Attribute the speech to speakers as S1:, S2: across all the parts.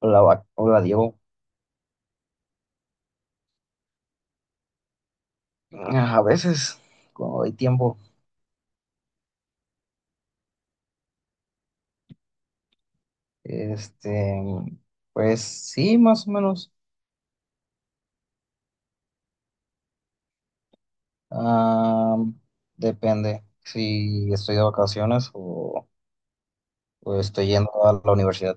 S1: Hola, hola Diego. A veces, cuando hay tiempo, este, pues sí, más o menos. Ah, Depende si estoy de vacaciones o estoy yendo a la universidad.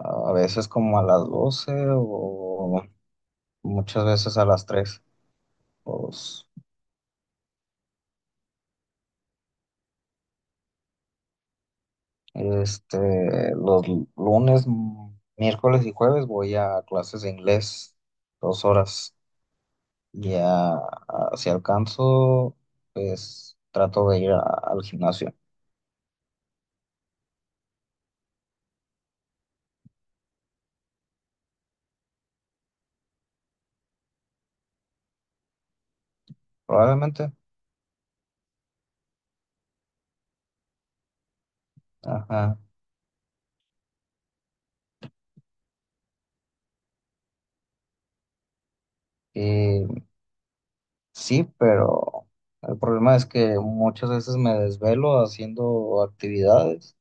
S1: A veces como a las 12 o muchas veces a las tres. Los, los lunes, miércoles y jueves voy a clases de inglés, dos horas. Ya, si alcanzo, pues trato de ir al gimnasio, probablemente. Ajá. Y sí, pero el problema es que muchas veces me desvelo haciendo actividades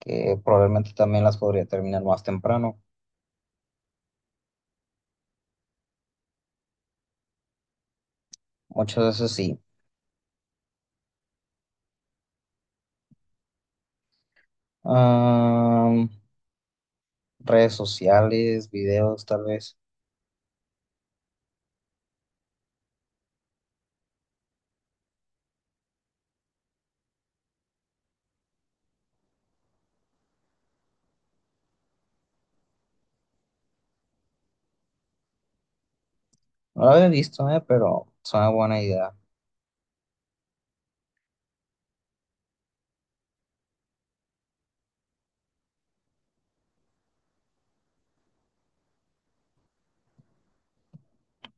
S1: que probablemente también las podría terminar más temprano. Muchas veces sí. Am, redes sociales, videos, tal vez. No lo había visto, pero es una buena idea.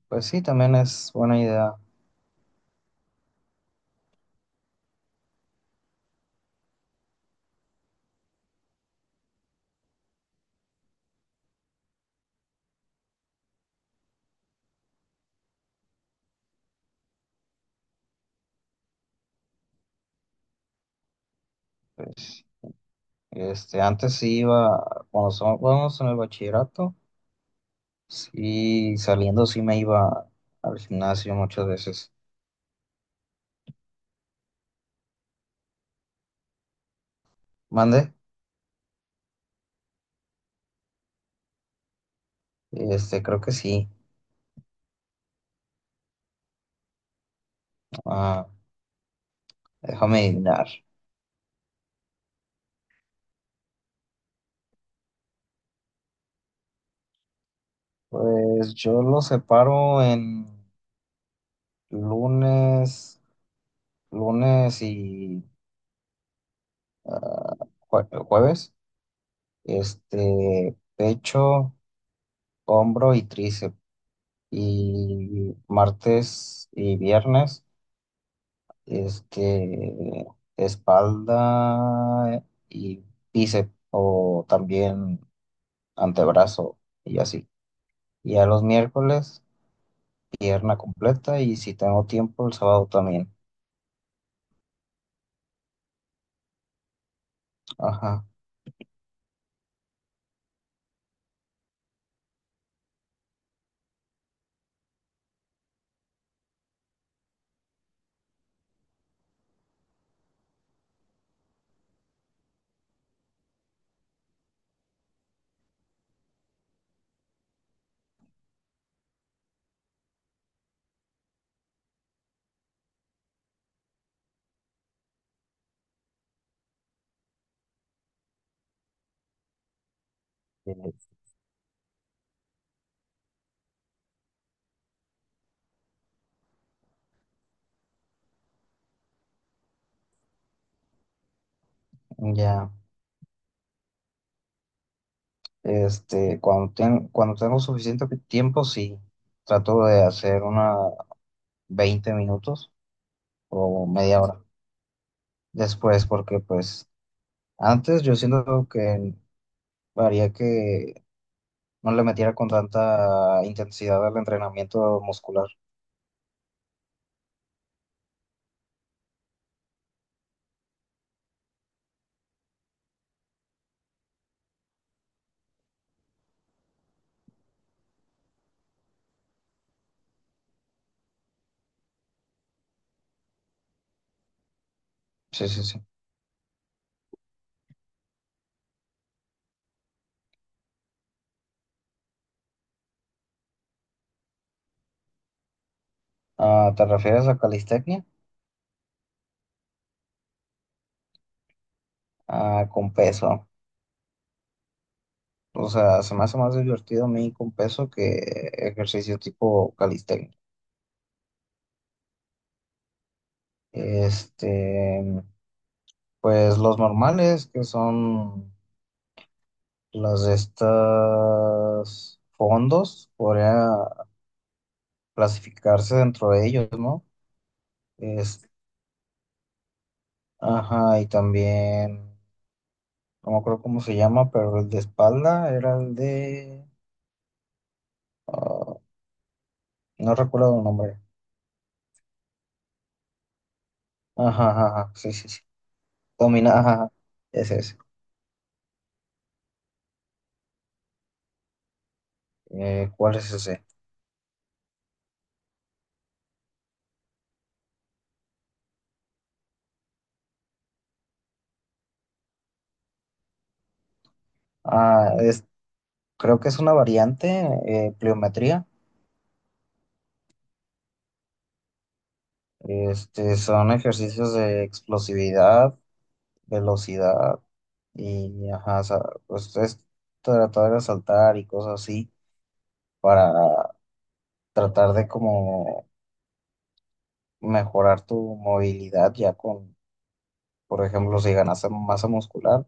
S1: Pues sí, también es buena idea. Antes sí iba, cuando estábamos en el bachillerato, sí, saliendo sí me iba al gimnasio muchas veces. ¿Mande? Creo que sí. Ah, déjame adivinar. Pues yo lo separo en lunes, lunes y ah, jueves. Pecho, hombro y tríceps. Y martes y viernes. Es que espalda y bíceps o también antebrazo y así. Y a los miércoles, pierna completa y si tengo tiempo, el sábado también. Ajá. Eh, ya. Cuando tengo suficiente tiempo, sí, trato de hacer una 20 minutos o media hora después, porque pues antes yo siento que haría que no le metiera con tanta intensidad al entrenamiento muscular. Sí, sí, sí. Ah, ¿te refieres a calistecnia? Ah, con peso. O sea, se me hace más divertido a mí con peso que ejercicio tipo calistecnia. Este, pues los normales, que son las de estas fondos, podría clasificarse dentro de ellos, ¿no? Es, ajá, y también no me acuerdo cómo se llama, pero el de espalda era el de... ah, no recuerdo el nombre. Ajá, ajá, ajá, sí, sí, sí. Domina, ajá, ajá, ese es. ¿Cuál es ese? Ah, es, creo que es una variante, pliometría. Son ejercicios de explosividad, velocidad y, ajá, o sea, pues es tratar de saltar y cosas así para tratar de como mejorar tu movilidad ya con... Por ejemplo, si ganase masa muscular,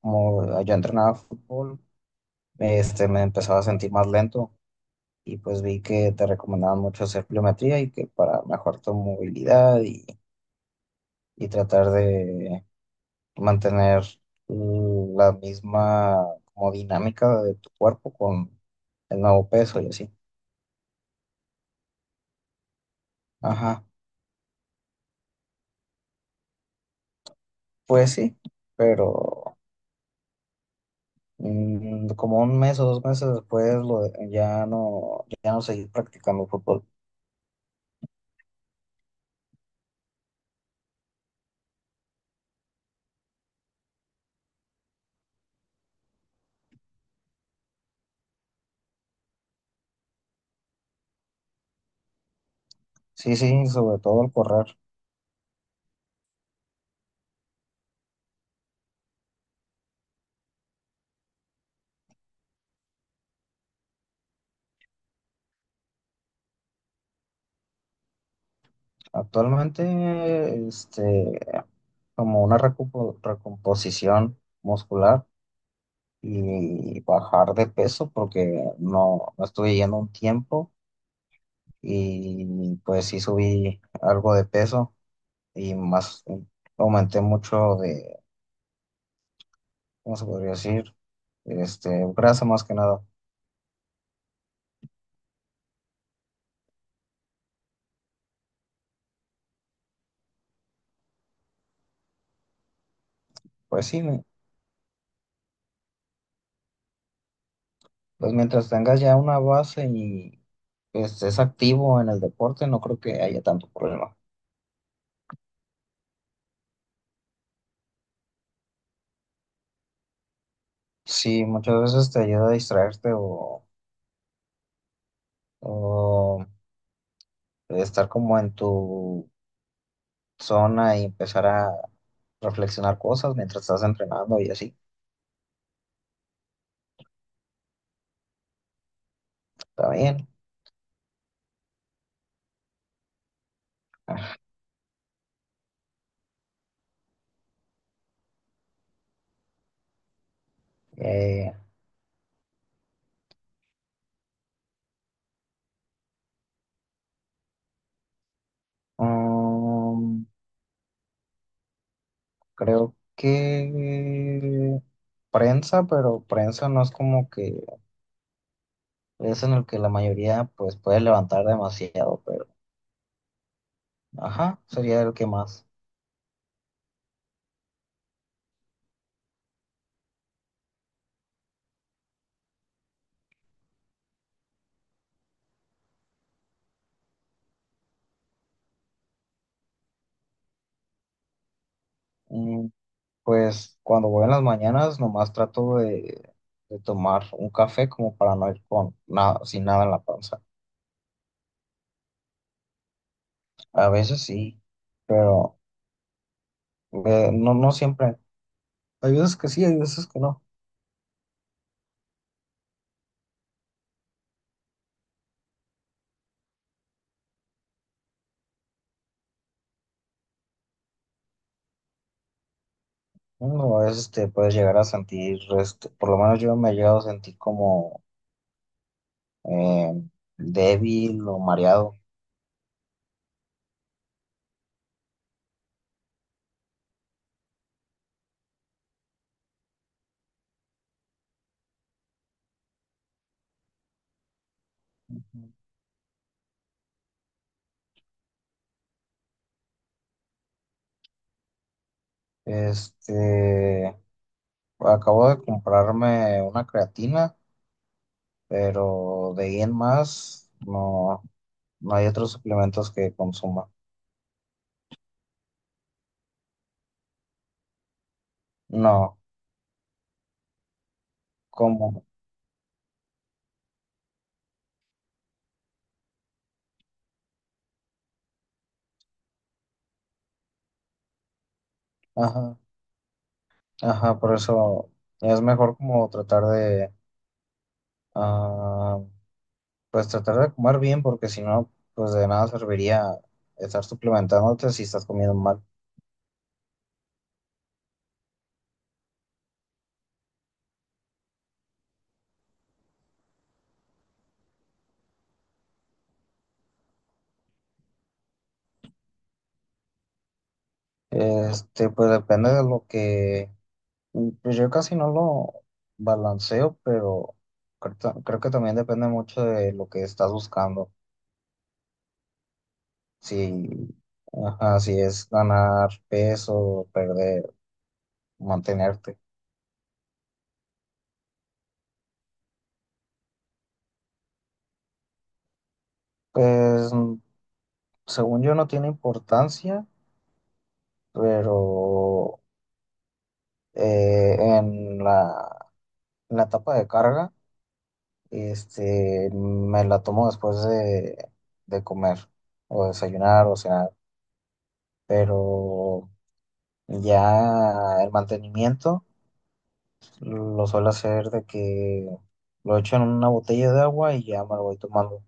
S1: como yo entrenaba fútbol, me empezaba a sentir más lento y pues vi que te recomendaban mucho hacer pliometría y que para mejorar tu movilidad y tratar de mantener la misma como dinámica de tu cuerpo con el nuevo peso y así. Ajá, pues sí, pero como un mes o dos meses después ya no, ya no seguí practicando fútbol. Sí, sí, sobre todo al correr. Actualmente, como una recomposición muscular y bajar de peso porque no, no estuve yendo un tiempo y pues sí subí algo de peso y más aumenté mucho de, ¿cómo se podría decir? Grasa más que nada. Pues sí, pues mientras tengas ya una base y estés activo en el deporte, no creo que haya tanto problema. Sí, muchas veces te ayuda a distraerte o estar como en tu zona y empezar a reflexionar cosas mientras estás entrenando y así. Está bien. Eh, mm, creo que prensa, pero prensa no es como que es en el que la mayoría pues puede levantar demasiado, pero ajá, sería el que más. Mm. Pues cuando voy en las mañanas, nomás trato de tomar un café como para no ir con nada, sin nada en la panza. A veces sí, pero no, no siempre. Hay veces que sí, hay veces que no. Uno a veces te puedes llegar a sentir, por lo menos yo me he llegado a sentir como eh, débil o mareado. Este, acabo de comprarme una creatina, pero de ahí en más, no. No hay otros suplementos que consuma. No, como, ajá, ajá, por eso es mejor como tratar de, ah, pues tratar de comer bien, porque si no, pues de nada serviría estar suplementándote si estás comiendo mal. Pues depende de lo que, pues yo casi no lo balanceo, pero creo que también depende mucho de lo que estás buscando. Si, ajá, si es ganar peso, perder, mantenerte. Pues según yo no tiene importancia, pero eh, en la, en la etapa de carga, me la tomo después de comer o desayunar o cenar, pero ya el mantenimiento lo suelo hacer de que lo echo en una botella de agua y ya me lo voy tomando.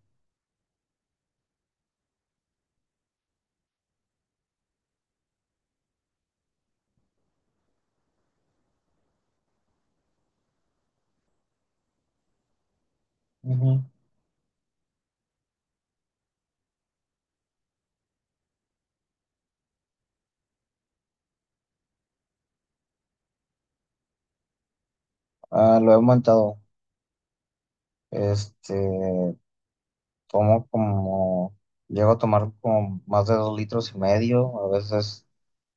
S1: Ujú. Ah, lo he aumentado, este, tomo como, llego a tomar como más de 2,5 litros, a veces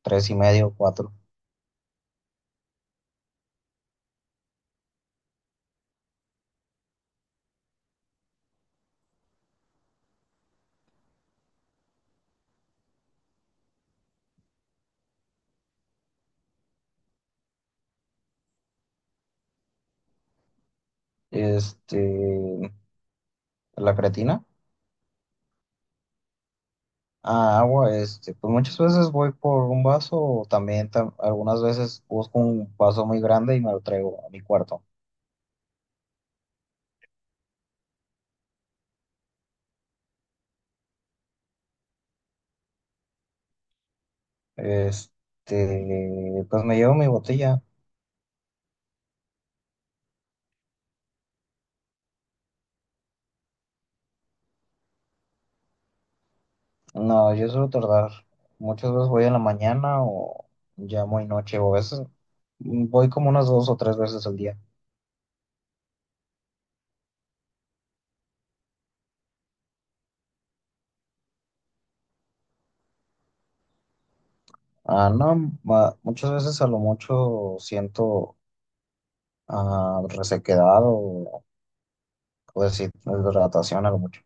S1: tres y medio, cuatro. Este, la creatina. A agua, pues muchas veces voy por un vaso o también algunas veces busco un vaso muy grande y me lo traigo a mi cuarto. Pues me llevo mi botella. No, yo suelo tardar. Muchas veces voy en la mañana o ya muy noche o a veces voy como unas dos o tres veces al día. Ah, no, muchas veces a lo mucho siento resequedad o deshidratación a lo mucho.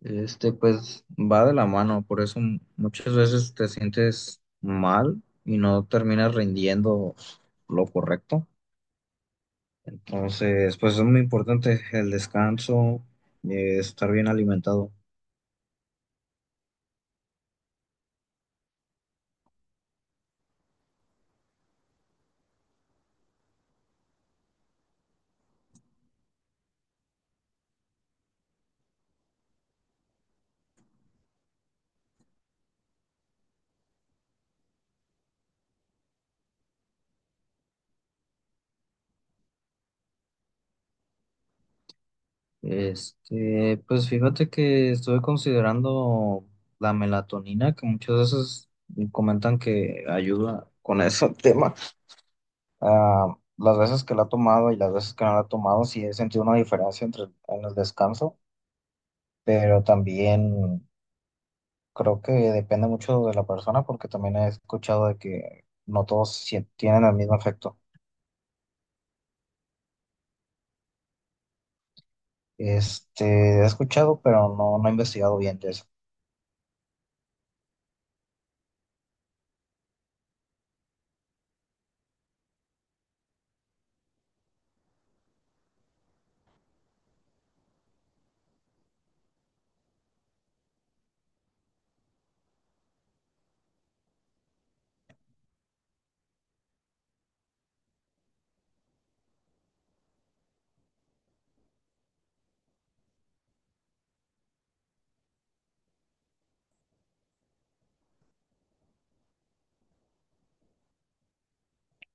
S1: Pues va de la mano, por eso muchas veces te sientes mal y no terminas rindiendo lo correcto. Entonces, pues es muy importante el descanso, estar bien alimentado. Pues fíjate que estuve considerando la melatonina, que muchas veces comentan que ayuda con ese tema. Ah, las veces que la he tomado y las veces que no la he tomado, sí he sentido una diferencia entre en el descanso, pero también creo que depende mucho de la persona, porque también he escuchado de que no todos tienen el mismo efecto. Este, he escuchado, pero no, no he investigado bien de eso.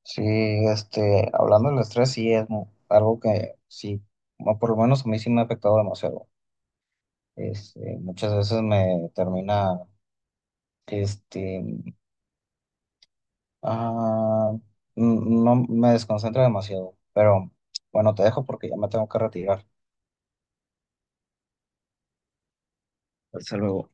S1: Sí, hablando del estrés, sí es algo que sí, bueno, por lo menos a mí sí me ha afectado demasiado. Muchas veces me termina, este, ah, no me desconcentra demasiado, pero bueno, te dejo porque ya me tengo que retirar. Hasta luego.